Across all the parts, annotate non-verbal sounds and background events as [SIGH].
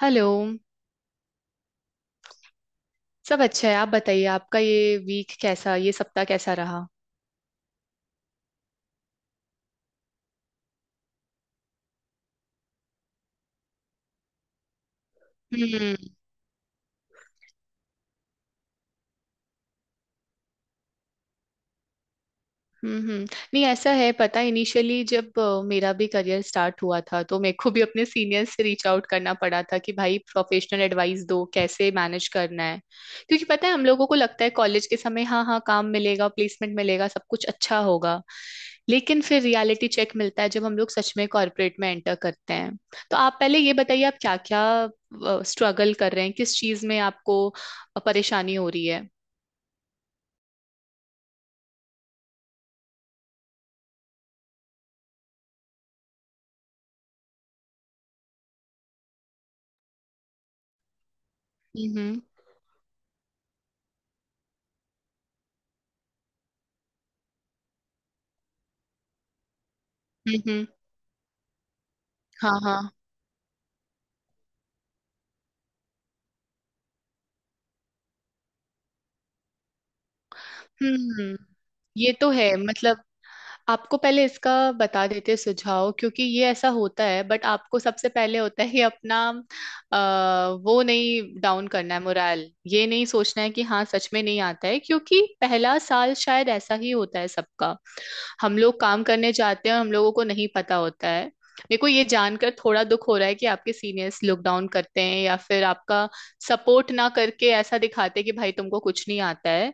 Hello. सब अच्छा है, आप बताइए आपका ये सप्ताह कैसा रहा। हम्म हम्म हम्म। नहीं ऐसा है, पता है इनिशियली जब मेरा भी करियर स्टार्ट हुआ था तो मेरे को भी अपने सीनियर्स से रीच आउट करना पड़ा था कि भाई प्रोफेशनल एडवाइस दो कैसे मैनेज करना है। क्योंकि पता है हम लोगों को लगता है कॉलेज के समय हाँ हाँ काम मिलेगा, प्लेसमेंट मिलेगा, सब कुछ अच्छा होगा। लेकिन फिर रियलिटी चेक मिलता है जब हम लोग सच में कॉर्पोरेट में एंटर करते हैं। तो आप पहले ये बताइए आप क्या क्या स्ट्रगल कर रहे हैं, किस चीज में आपको परेशानी हो रही है। हम्म हम्म। हाँ हाँ। हम्म। ये तो है, मतलब आपको पहले इसका बता देते सुझाव क्योंकि ये ऐसा होता है, बट आपको सबसे पहले होता है कि अपना वो नहीं डाउन करना है मोराल। ये नहीं सोचना है कि हाँ सच में नहीं आता है क्योंकि पहला साल शायद ऐसा ही होता है सबका। हम लोग काम करने जाते हैं और हम लोगों को नहीं पता होता है। मेरे को ये जानकर थोड़ा दुख हो रहा है कि आपके सीनियर्स लॉकडाउन करते हैं या फिर आपका सपोर्ट ना करके ऐसा दिखाते हैं कि भाई तुमको कुछ नहीं आता है।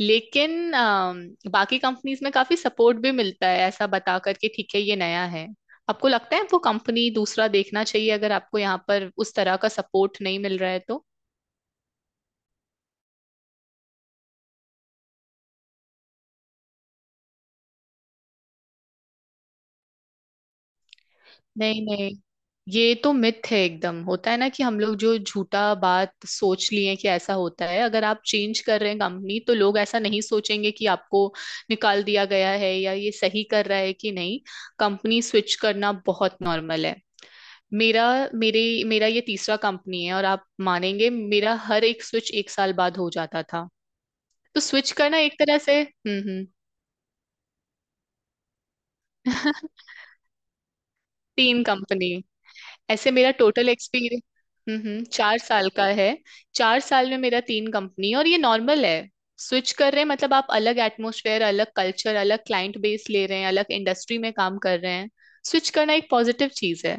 लेकिन बाकी कंपनीज में काफी सपोर्ट भी मिलता है, ऐसा बता करके ठीक है ये नया है। आपको लगता है वो कंपनी दूसरा देखना चाहिए अगर आपको यहाँ पर उस तरह का सपोर्ट नहीं मिल रहा है तो। नहीं नहीं, ये तो मिथ है एकदम, होता है ना कि हम लोग जो झूठा बात सोच लिए कि ऐसा होता है। अगर आप चेंज कर रहे हैं कंपनी तो लोग ऐसा नहीं सोचेंगे कि आपको निकाल दिया गया है या ये सही कर रहा है कि नहीं। कंपनी स्विच करना बहुत नॉर्मल है। मेरा मेरे मेरा ये तीसरा कंपनी है और आप मानेंगे मेरा हर एक स्विच 1 साल बाद हो जाता था। तो स्विच करना एक तरह से। हम्म। [LAUGHS] 3 कंपनी, ऐसे मेरा टोटल एक्सपीरियंस, हम्म, 4 साल का है। 4 साल में मेरा 3 कंपनी और ये नॉर्मल है। स्विच कर रहे हैं मतलब आप अलग एटमोसफेयर, अलग कल्चर, अलग क्लाइंट बेस ले रहे हैं, अलग इंडस्ट्री में काम कर रहे हैं। स्विच करना एक पॉजिटिव चीज है।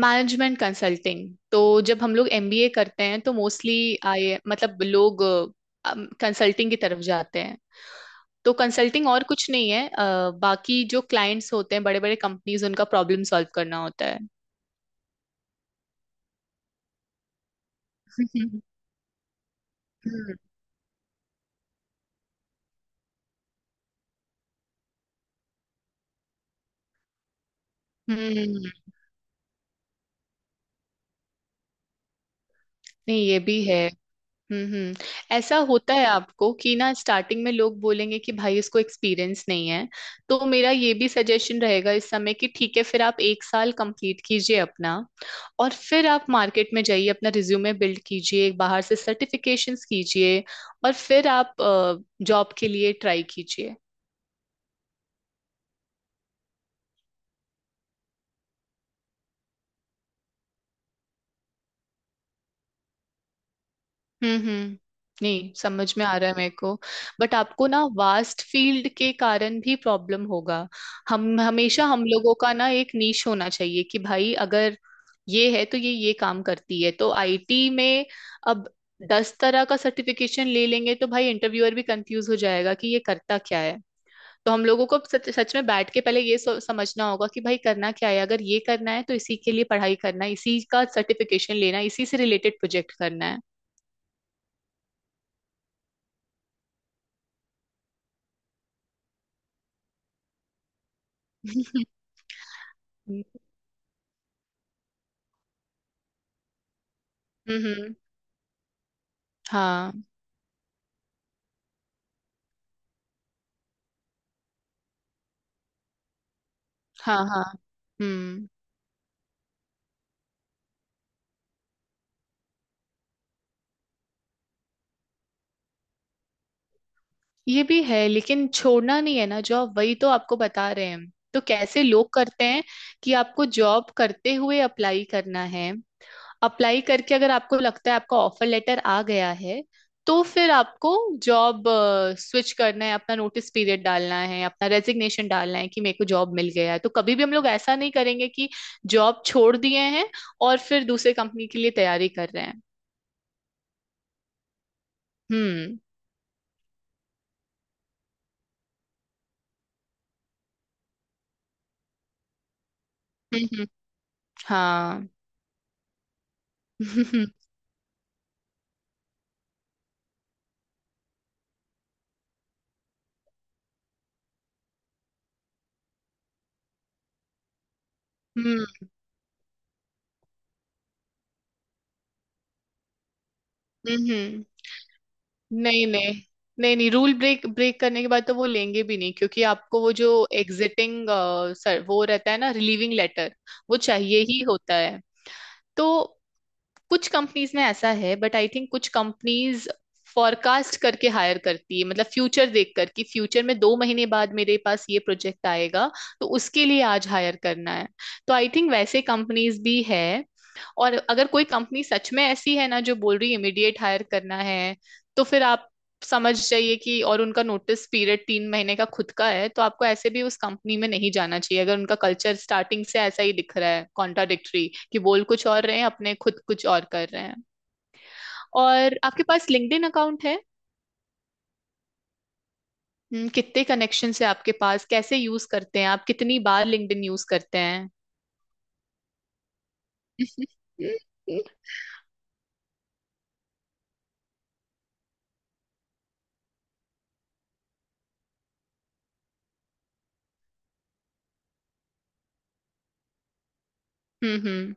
मैनेजमेंट कंसल्टिंग, तो जब हम लोग एमबीए करते हैं तो मोस्टली आई मतलब लोग कंसल्टिंग की तरफ जाते हैं। तो कंसल्टिंग और कुछ नहीं है, बाकी जो क्लाइंट्स होते हैं बड़े बड़े कंपनीज उनका प्रॉब्लम सॉल्व करना होता है। [LAUGHS] हम्म हम्म। नहीं ये भी है। हम्म। ऐसा होता है आपको कि ना स्टार्टिंग में लोग बोलेंगे कि भाई इसको एक्सपीरियंस नहीं है। तो मेरा ये भी सजेशन रहेगा इस समय कि ठीक है फिर आप 1 साल कंप्लीट कीजिए अपना, और फिर आप मार्केट में जाइए, अपना रिज्यूमे बिल्ड कीजिए, बाहर से सर्टिफिकेशंस कीजिए और फिर आप जॉब के लिए ट्राई कीजिए। हम्म। नहीं समझ में आ रहा है मेरे को। बट आपको ना वास्ट फील्ड के कारण भी प्रॉब्लम होगा। हम हमेशा हम लोगों का ना एक नीश होना चाहिए कि भाई अगर ये है तो ये काम करती है तो आईटी में। अब 10 तरह का सर्टिफिकेशन ले लेंगे तो भाई इंटरव्यूअर भी कंफ्यूज हो जाएगा कि ये करता क्या है। तो हम लोगों को सच में बैठ के पहले ये समझना होगा कि भाई करना क्या है। अगर ये करना है तो इसी के लिए पढ़ाई करना है, इसी का सर्टिफिकेशन लेना है, इसी से रिलेटेड प्रोजेक्ट करना है। [LAUGHS] हम्म हम्म, हाँ हाँ हाँ। हम्म। ये भी है लेकिन छोड़ना नहीं है ना जॉब, वही तो आपको बता रहे हैं हम। तो कैसे लोग करते हैं कि आपको जॉब करते हुए अप्लाई करना है। अप्लाई करके अगर आपको लगता है आपका ऑफर लेटर आ गया है तो फिर आपको जॉब स्विच करना है, अपना नोटिस पीरियड डालना है, अपना रेजिग्नेशन डालना है कि मेरे को जॉब मिल गया है। तो कभी भी हम लोग ऐसा नहीं करेंगे कि जॉब छोड़ दिए हैं और फिर दूसरे कंपनी के लिए तैयारी कर रहे हैं। हम्म हम्म, हाँ। [LAUGHS] हम्म। नहीं नहीं। नहीं नहीं रूल ब्रेक ब्रेक करने के बाद तो वो लेंगे भी नहीं क्योंकि आपको वो जो एग्जिटिंग सर वो रहता है ना, रिलीविंग लेटर, वो चाहिए ही होता है। तो कुछ कंपनीज में ऐसा है बट आई थिंक कुछ कंपनीज फॉरकास्ट करके हायर करती है, मतलब फ्यूचर देखकर कि फ्यूचर में 2 महीने बाद मेरे पास ये प्रोजेक्ट आएगा तो उसके लिए आज हायर करना है। तो आई थिंक वैसे कंपनीज भी है। और अगर कोई कंपनी सच में ऐसी है ना जो बोल रही है इमीडिएट हायर करना है तो फिर आप समझ जाइए कि, और उनका नोटिस पीरियड 3 महीने का खुद का है तो आपको ऐसे भी उस कंपनी में नहीं जाना चाहिए अगर उनका कल्चर स्टार्टिंग से ऐसा ही दिख रहा है कॉन्ट्राडिक्टरी, कि बोल कुछ और रहे हैं, अपने खुद कुछ और कर रहे हैं। और आपके पास लिंक्डइन अकाउंट है? कितने कनेक्शन है आपके पास, कैसे यूज करते हैं आप, कितनी बार लिंक्डइन यूज करते हैं? [LAUGHS] हम्म हम्म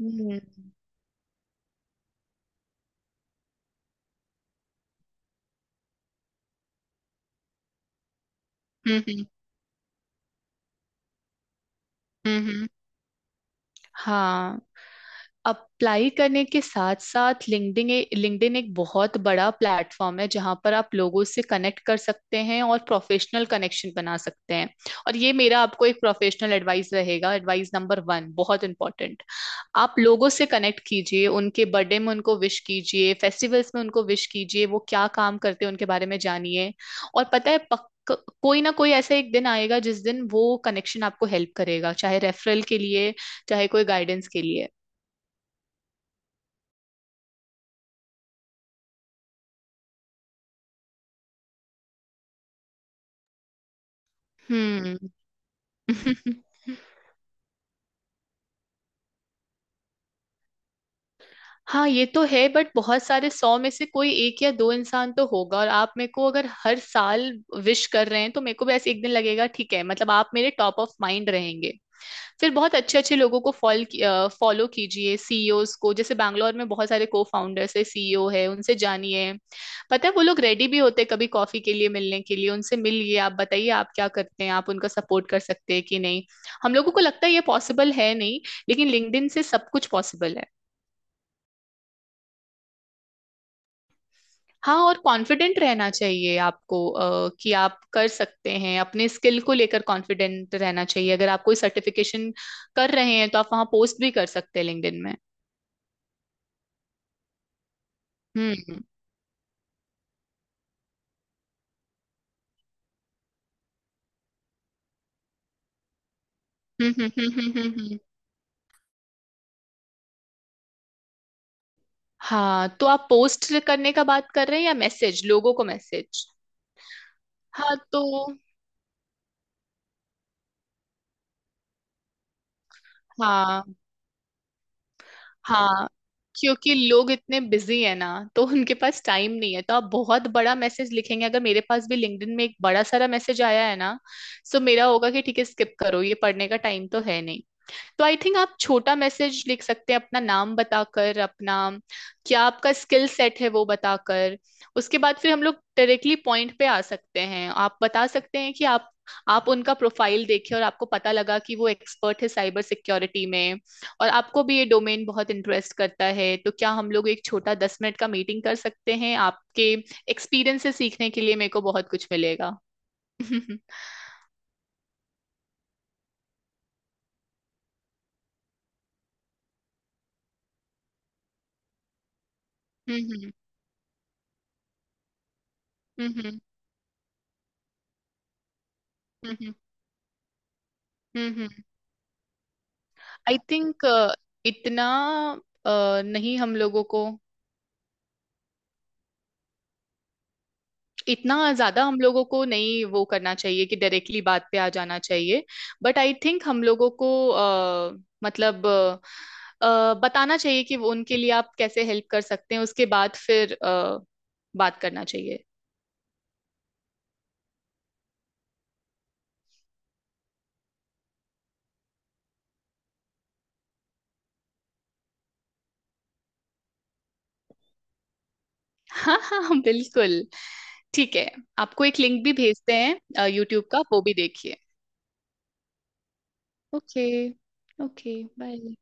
हम्म हम्म हम्म हम्म, हम्म, हाँ। अप्लाई करने के साथ साथ लिंक्डइन लिंक्डइन एक बहुत बड़ा प्लेटफॉर्म है जहां पर आप लोगों से कनेक्ट कर सकते हैं और प्रोफेशनल कनेक्शन बना सकते हैं। और ये मेरा आपको एक प्रोफेशनल एडवाइस रहेगा, एडवाइस नंबर वन, बहुत इंपॉर्टेंट। आप लोगों से कनेक्ट कीजिए, उनके बर्थडे में उनको विश कीजिए, फेस्टिवल्स में उनको विश कीजिए, वो क्या काम करते हैं उनके बारे में जानिए। और पता है पक को, कोई ना कोई ऐसा एक दिन आएगा जिस दिन वो कनेक्शन आपको हेल्प करेगा, चाहे रेफरल के लिए, चाहे कोई गाइडेंस के लिए। हम्म। [LAUGHS] हाँ ये तो है बट बहुत सारे, 100 में से कोई एक या दो इंसान तो होगा। और आप मेरे को अगर हर साल विश कर रहे हैं तो मेरे को भी ऐसे एक दिन लगेगा ठीक है, मतलब आप मेरे टॉप ऑफ माइंड रहेंगे। फिर बहुत अच्छे अच्छे लोगों को फॉलो कीजिए, सीईओज को। जैसे बैंगलोर में बहुत सारे को फाउंडर्स है, सीईओ है, उनसे जानिए। पता है वो लोग रेडी भी होते हैं कभी कॉफी के लिए मिलने के लिए, उनसे मिलिए, आप बताइए आप क्या करते हैं, आप उनका सपोर्ट कर सकते हैं कि नहीं। हम लोगों को लगता है ये पॉसिबल है नहीं, लेकिन लिंक्डइन से सब कुछ पॉसिबल है। हाँ और कॉन्फिडेंट रहना चाहिए आपको, कि आप कर सकते हैं, अपने स्किल को लेकर कॉन्फिडेंट रहना चाहिए। अगर आप कोई सर्टिफिकेशन कर रहे हैं तो आप वहाँ पोस्ट भी कर सकते हैं लिंक्डइन में। हम्म हम्म हम्म हम्म हम्म हम्म, हम्म। हाँ तो आप पोस्ट करने का बात कर रहे हैं या मैसेज, लोगों को मैसेज? हाँ तो। हाँ हाँ। क्योंकि लोग इतने बिजी है ना, तो उनके पास टाइम नहीं है। तो आप बहुत बड़ा मैसेज लिखेंगे, अगर मेरे पास भी लिंक्डइन में एक बड़ा सारा मैसेज आया है ना, सो मेरा होगा कि ठीक है स्किप करो, ये पढ़ने का टाइम तो है नहीं। तो आई थिंक आप छोटा मैसेज लिख सकते हैं, अपना नाम बताकर, अपना क्या आपका स्किल सेट है वो बताकर। उसके बाद फिर हम लोग डायरेक्टली पॉइंट पे आ सकते हैं, आप बता सकते हैं कि आप उनका प्रोफाइल देखे और आपको पता लगा कि वो एक्सपर्ट है साइबर सिक्योरिटी में, और आपको भी ये डोमेन बहुत इंटरेस्ट करता है तो क्या हम लोग एक छोटा 10 मिनट का मीटिंग कर सकते हैं, आपके एक्सपीरियंस से सीखने के लिए मेरे को बहुत कुछ मिलेगा। [LAUGHS] हम्म हम्म हम्म हम्म हम्म हम्म। आई थिंक इतना नहीं हम लोगों को, इतना ज्यादा हम लोगों को नहीं वो करना चाहिए कि डायरेक्टली बात पे आ जाना चाहिए। बट आई थिंक हम लोगों को मतलब बताना चाहिए कि वो उनके लिए आप कैसे हेल्प कर सकते हैं, उसके बाद फिर बात करना चाहिए। हाँ हाँ हाँ, बिल्कुल, ठीक है। आपको एक लिंक भी भेजते हैं यूट्यूब का, वो भी देखिए। ओके। Okay bye.